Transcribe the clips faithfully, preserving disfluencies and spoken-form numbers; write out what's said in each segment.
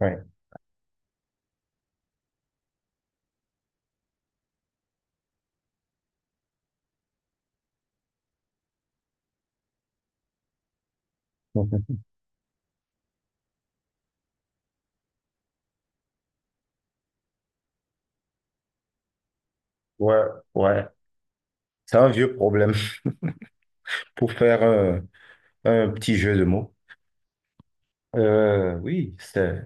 Ouais. Ouais, ouais. C'est un vieux problème pour faire un, un petit jeu de mots. Euh, oui, c'est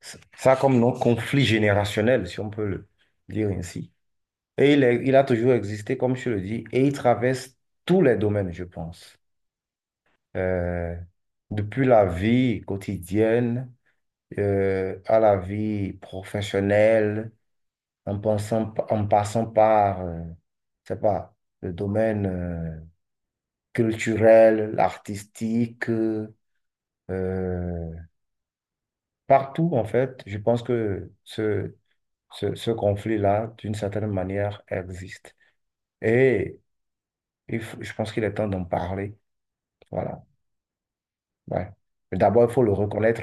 c'est- ça a comme nom conflit générationnel, si on peut le dire ainsi. Et il, est- il a toujours existé, comme je le dis, et il traverse tous les domaines, je pense. Euh, Depuis la vie quotidienne euh, à la vie professionnelle, en pensant, en passant par, euh, je sais pas, le domaine. euh, culturelle, artistique, euh, euh, partout en fait. Je pense que ce, ce, ce conflit-là, d'une certaine manière, existe. Et il faut- je pense qu'il est temps d'en parler. Voilà. Ouais. Mais d'abord, il faut le reconnaître.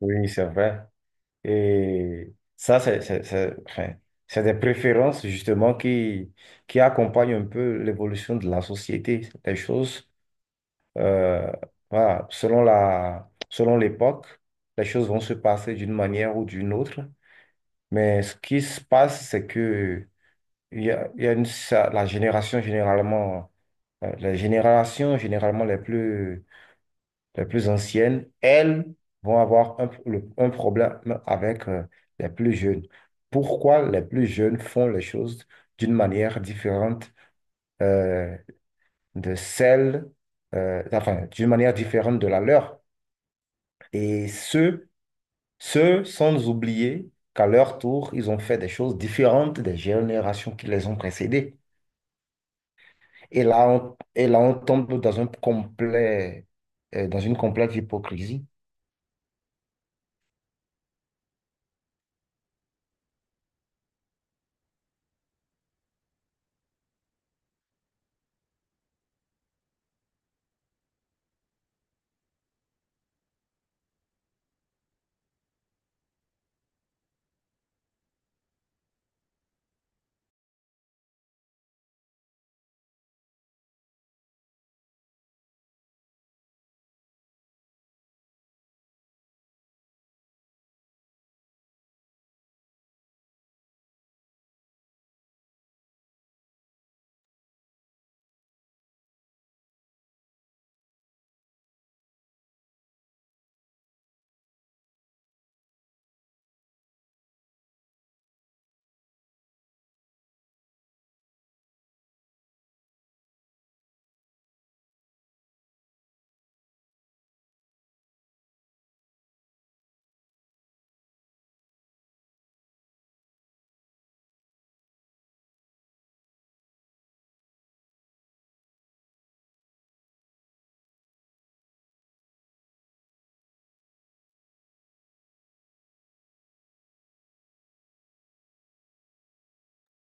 Oui, c'est vrai. Et ça, c'est c'est- c'est- enfin, c'est des préférences justement qui, qui accompagnent un peu l'évolution de la société. Les choses Euh, voilà, selon la, selon l'époque, les choses vont se passer d'une manière ou d'une autre. Mais ce qui se passe, c'est que il y a, il y a une, ça- la génération généralement, euh, les générations généralement les plus, les plus anciennes, elles vont avoir un, le- un problème avec euh, les plus jeunes. Pourquoi les plus jeunes font les choses d'une manière différente euh, de celle, euh, enfin, d'une manière différente de la leur? Et ceux, ceux sans oublier qu'à leur tour, ils ont fait des choses différentes des générations qui les ont précédées. Et là, on, et là, on tombe dans un complet, euh, dans une complète hypocrisie.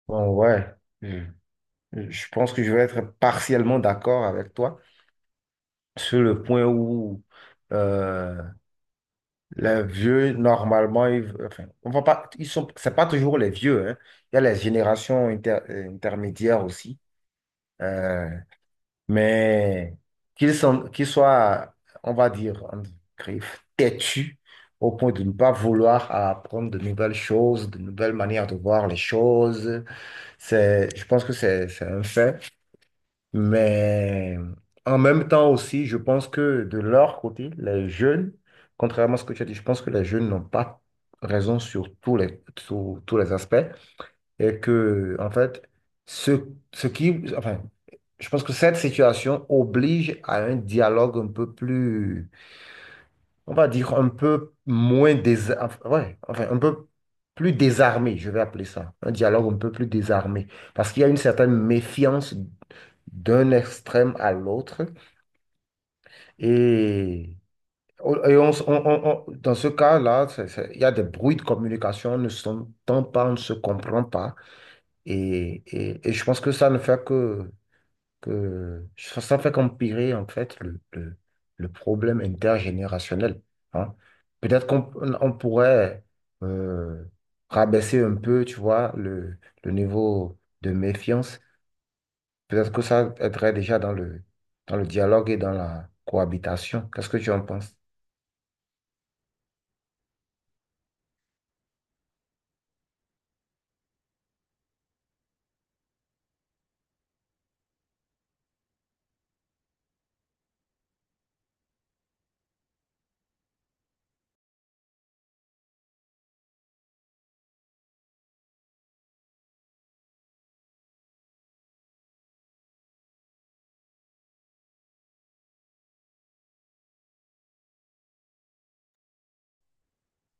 Bon, ouais, je, je pense que je vais être partiellement d'accord avec toi sur le point où euh, les vieux, normalement, ils, enfin, on va pas, ils sont, c'est pas toujours les vieux, hein. Il y a les générations inter- euh, intermédiaires aussi. Euh, mais qu'ils sont, qu'ils soient, on va dire, en griffe, têtus au point de ne pas vouloir apprendre de nouvelles choses, de nouvelles manières de voir les choses. C'est, je pense que c'est, c'est un fait. Mais en même temps aussi, je pense que de leur côté, les jeunes, contrairement à ce que tu as dit, je pense que les jeunes n'ont pas raison sur tous les, sur tous les aspects et que, en fait, ce, ce qui, enfin, je pense que cette situation oblige à un dialogue un peu plus, on va dire un peu moins dés, enfin, ouais, enfin, un peu plus désarmé, je vais appeler ça, un dialogue un peu plus désarmé, parce qu'il y a une certaine méfiance d'un extrême à l'autre et oh, et on, s- on- on- on- dans ce cas-là, c'est- c'est- il y a des bruits de communication, on ne s'entend pas, on ne se comprend pas. Et, et, et je pense que ça ne fait que, que ça ça fait qu'empirer en fait le, le, le problème intergénérationnel. Hein. Peut-être qu'on on pourrait euh, rabaisser un peu, tu vois, le, le niveau de méfiance. Peut-être que ça aiderait déjà dans le, dans le dialogue et dans la cohabitation. Qu'est-ce que tu en penses?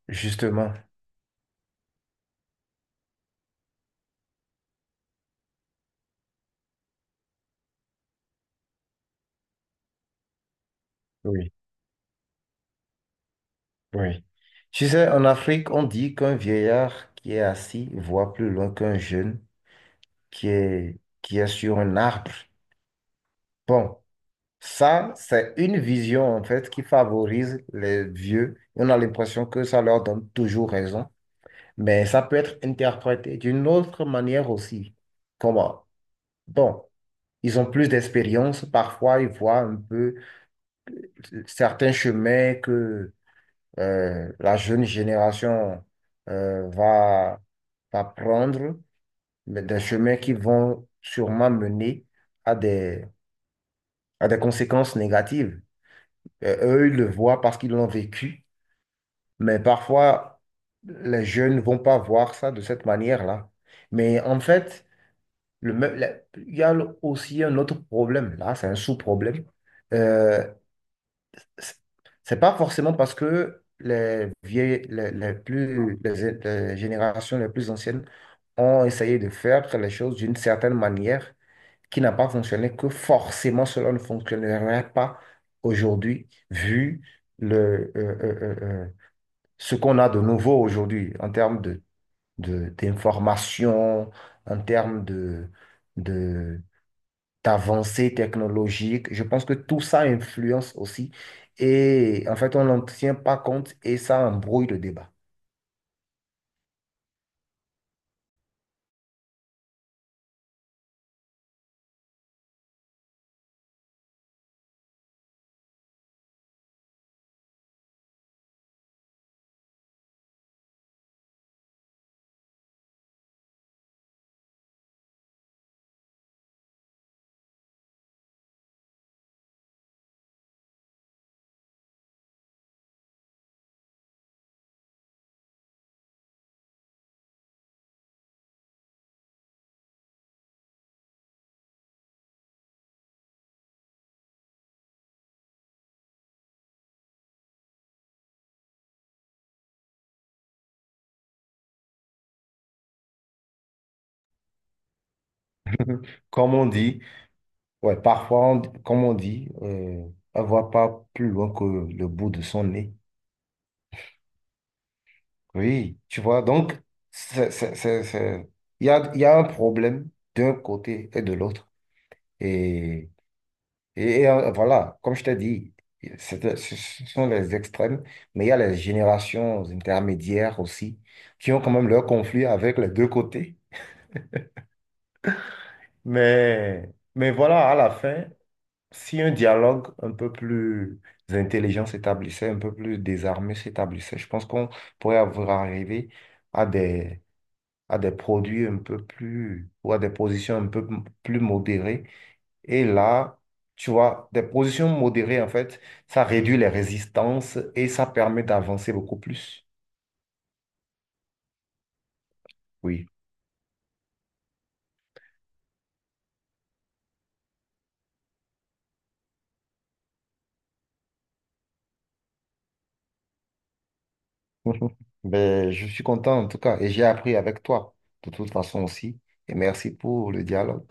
Justement, oui, oui. Tu sais, en Afrique, on dit qu'un vieillard qui est assis voit plus loin qu'un jeune qui est, qui est sur un arbre. Bon, ça, c'est une vision en fait qui favorise les vieux. On a l'impression que ça leur donne toujours raison, mais ça peut être interprété d'une autre manière aussi. Comment? Bon, ils ont plus d'expérience, parfois ils voient un peu certains chemins que euh, la jeune génération euh, va, va prendre, mais des chemins qui vont sûrement mener à des a des conséquences négatives. Euh, Eux, ils le voient parce qu'ils l'ont vécu, mais parfois, les jeunes ne vont pas voir ça de cette manière-là. Mais en fait, le, me- la- il y a le- aussi un autre problème. Là, c'est un sous-problème. Euh, c'est c'est pas forcément parce que les vieilles, les, les plus, les les générations les plus anciennes ont essayé de faire les choses d'une certaine manière qui n'a pas fonctionné, que forcément cela ne fonctionnerait pas aujourd'hui, vu le, euh, euh, euh, euh, ce qu'on a de nouveau aujourd'hui en termes de, de, d'information, en termes de, de, d'avancées technologiques. Je pense que tout ça influence aussi. Et en fait, on n'en tient pas compte et ça embrouille le débat. Comme on dit, ouais, parfois, on- comme on dit, euh, on ne voit pas plus loin que le bout de son nez. Oui, tu vois, donc, c'est, c'est, c'est, c'est- il y a, il y a un problème d'un côté et de l'autre. Et, et, et, euh, voilà, comme je t'ai dit, c'est- euh, ce ce sont les extrêmes, mais il y a les générations intermédiaires aussi, qui ont quand même leurs conflits avec les deux côtés. Mais, mais voilà, à la fin, si un dialogue un peu plus intelligent s'établissait, un peu plus désarmé s'établissait, je pense qu'on pourrait avoir arrivé à des à des produits un peu plus, ou à des positions un peu m- plus modérées. Et là, tu vois, des positions modérées, en fait, ça réduit les résistances et ça permet d'avancer beaucoup plus. Oui. Ben je suis content en tout cas et j'ai appris avec toi de toute façon aussi. Et merci pour le dialogue.